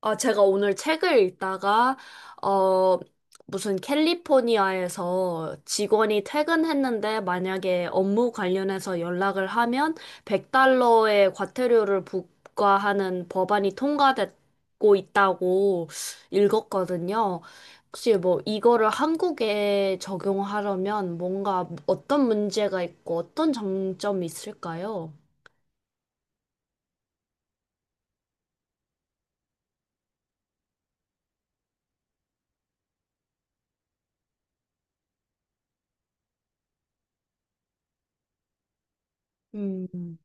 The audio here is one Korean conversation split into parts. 아, 제가 오늘 책을 읽다가, 어, 무슨 캘리포니아에서 직원이 퇴근했는데 만약에 업무 관련해서 연락을 하면 100달러의 과태료를 부과하는 법안이 통과됐고 있다고 읽었거든요. 혹시 뭐 이거를 한국에 적용하려면 뭔가 어떤 문제가 있고 어떤 장점이 있을까요? 음,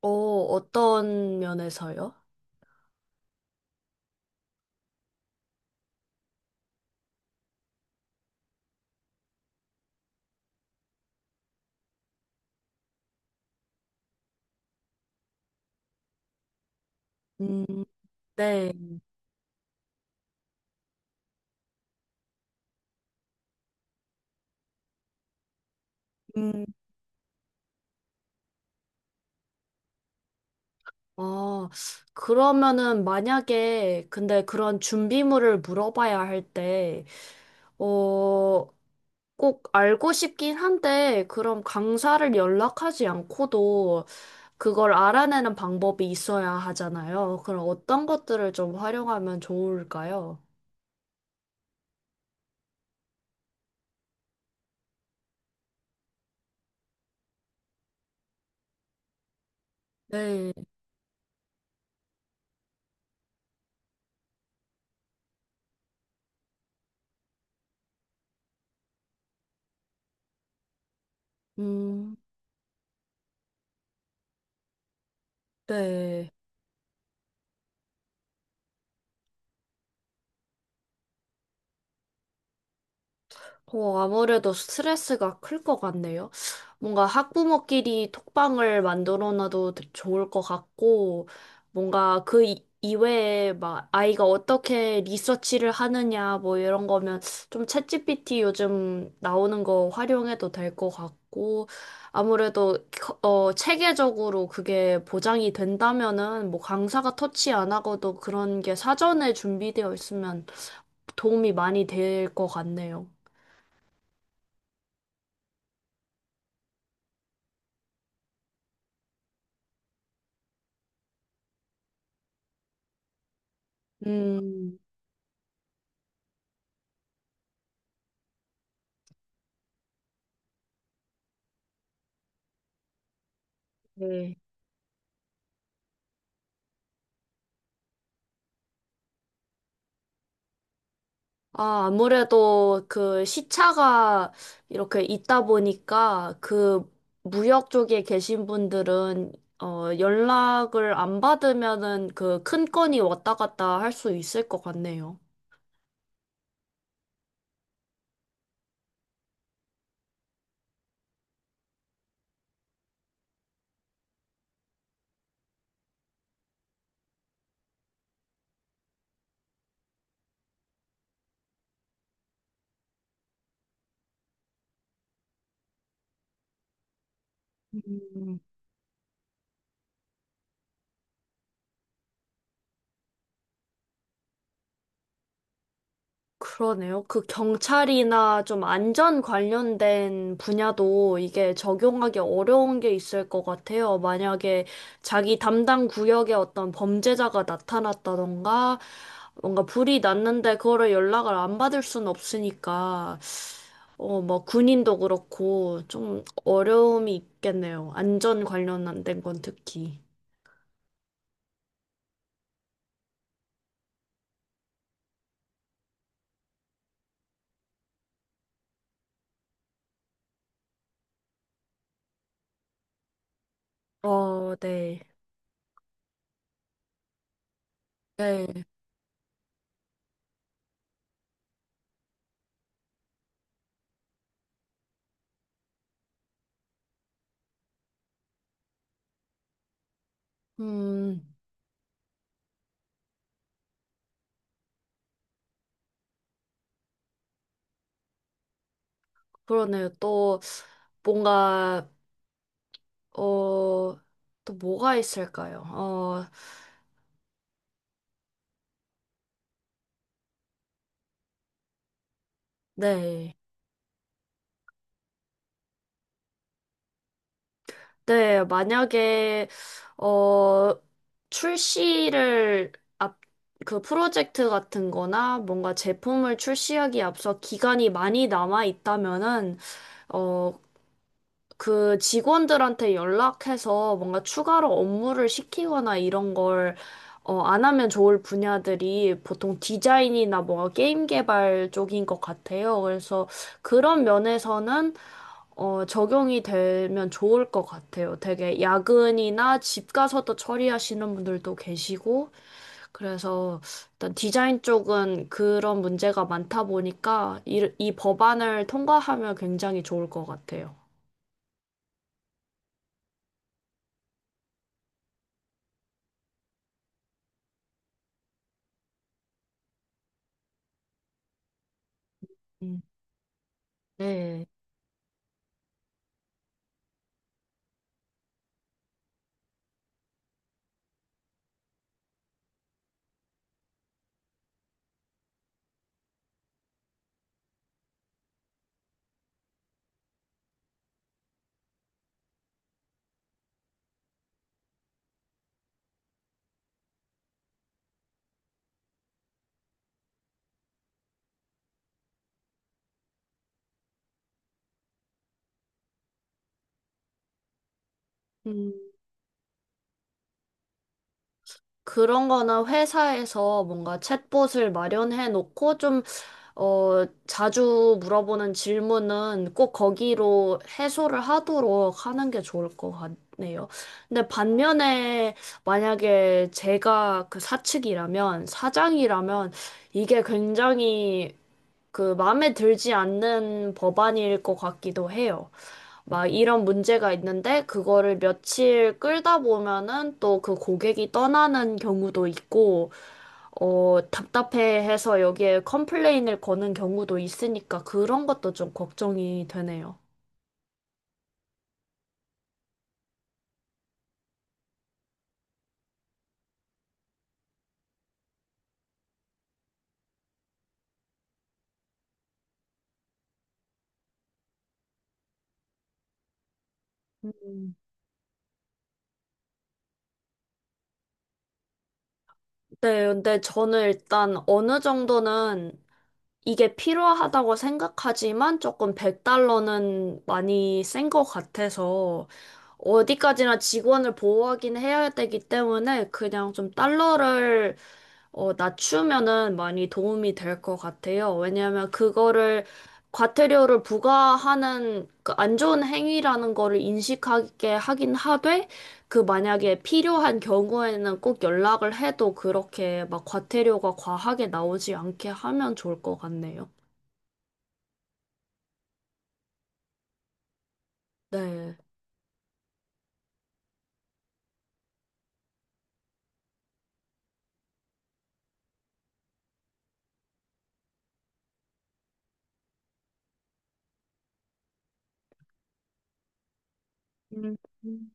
어떤 면에서요? 음, 네. 음, 아, 그러면은 만약에 근데 그런 준비물을 물어봐야 할 때, 어, 꼭 알고 싶긴 한데, 그럼 강사를 연락하지 않고도 그걸 알아내는 방법이 있어야 하잖아요. 그럼 어떤 것들을 좀 활용하면 좋을까요? 네, 음, 네. 어, 아무래도 스트레스가 클 것 같네요. 뭔가 학부모끼리 톡방을 만들어 놔도 좋을 것 같고, 뭔가 그 이외에 막 아이가 어떻게 리서치를 하느냐, 뭐 이런 거면 좀 챗GPT 요즘 나오는 거 활용해도 될 것 같고, 아무래도 어, 체계적으로 그게 보장이 된다면은 뭐 강사가 터치 안 하고도 그런 게 사전에 준비되어 있으면 도움이 많이 될 것 같네요. 음, 네. 아, 아무래도 그 시차가 이렇게 있다 보니까 그 무역 쪽에 계신 분들은 연락을 안 받으면은 그 큰 건이 왔다 갔다 할 수 있을 것 같네요. 그러네요. 그 경찰이나 좀 안전 관련된 분야도 이게 적용하기 어려운 게 있을 것 같아요. 만약에 자기 담당 구역에 어떤 범죄자가 나타났다던가 뭔가 불이 났는데 그거를 연락을 안 받을 순 없으니까 뭐 군인도 그렇고 좀 어려움이 있겠네요. 안전 관련된 건 특히. 어, 네. 네. 음, 그러네요. 또 뭔가 어, 또 뭐가 있을까요? 어, 네. 네, 만약에, 어, 출시를 앞, 그 프로젝트 같은 거나 뭔가 제품을 출시하기 앞서 기간이 많이 남아 있다면은, 어, 그 직원들한테 연락해서 뭔가 추가로 업무를 시키거나 이런 걸, 안 하면 좋을 분야들이 보통 디자인이나 뭔가 게임 개발 쪽인 것 같아요. 그래서 그런 면에서는, 적용이 되면 좋을 것 같아요. 되게 야근이나 집 가서도 처리하시는 분들도 계시고, 그래서 일단 디자인 쪽은 그런 문제가 많다 보니까 이 법안을 통과하면 굉장히 좋을 것 같아요. 네. 음, 그런 거는 회사에서 뭔가 챗봇을 마련해 놓고 좀, 자주 물어보는 질문은 꼭 거기로 해소를 하도록 하는 게 좋을 것 같네요. 근데 반면에 만약에 제가 그 사측이라면, 사장이라면 이게 굉장히 그 마음에 들지 않는 법안일 것 같기도 해요. 막 이런 문제가 있는데 그거를 며칠 끌다 보면은 또 그 고객이 떠나는 경우도 있고 어 답답해해서 여기에 컴플레인을 거는 경우도 있으니까 그런 것도 좀 걱정이 되네요. 음. 네, 근데 저는 일단 어느 정도는 이게 필요하다고 생각하지만 조금 100달러는 많이 센 것 같아서 어디까지나 직원을 보호하긴 해야 되기 때문에 그냥 좀 달러를 낮추면은 많이 도움이 될 것 같아요. 왜냐하면 그거를 과태료를 부과하는 그 안 좋은 행위라는 거를 인식하게 하긴 하되 그 만약에 필요한 경우에는 꼭 연락을 해도 그렇게 막 과태료가 과하게 나오지 않게 하면 좋을 것 같네요. 네. 음, 음.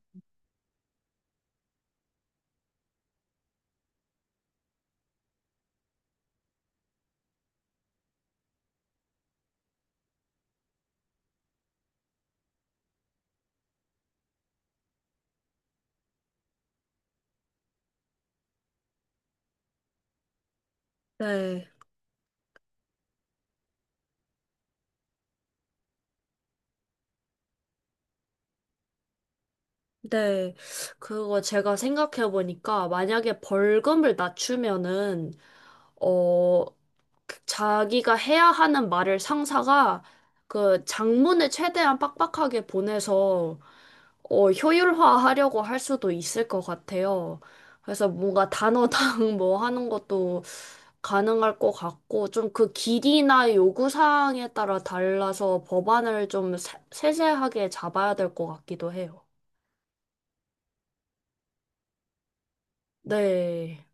네, 네. 그거 제가 생각해 보니까 만약에 벌금을 낮추면은 어, 그 자기가 해야 하는 말을 상사가 그 장문을 최대한 빡빡하게 보내서 효율화하려고 할 수도 있을 것 같아요. 그래서 뭔가 단어당 뭐 하는 것도 가능할 것 같고 좀 그 길이나 요구사항에 따라 달라서 법안을 좀 세세하게 잡아야 될 것 같기도 해요. 네.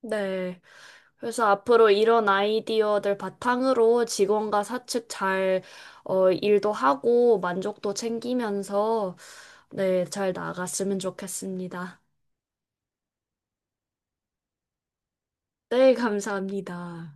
네. 그래서 앞으로 이런 아이디어들 바탕으로 직원과 사측 잘, 일도 하고 만족도 챙기면서, 네, 잘 나갔으면 좋겠습니다. 네, 감사합니다.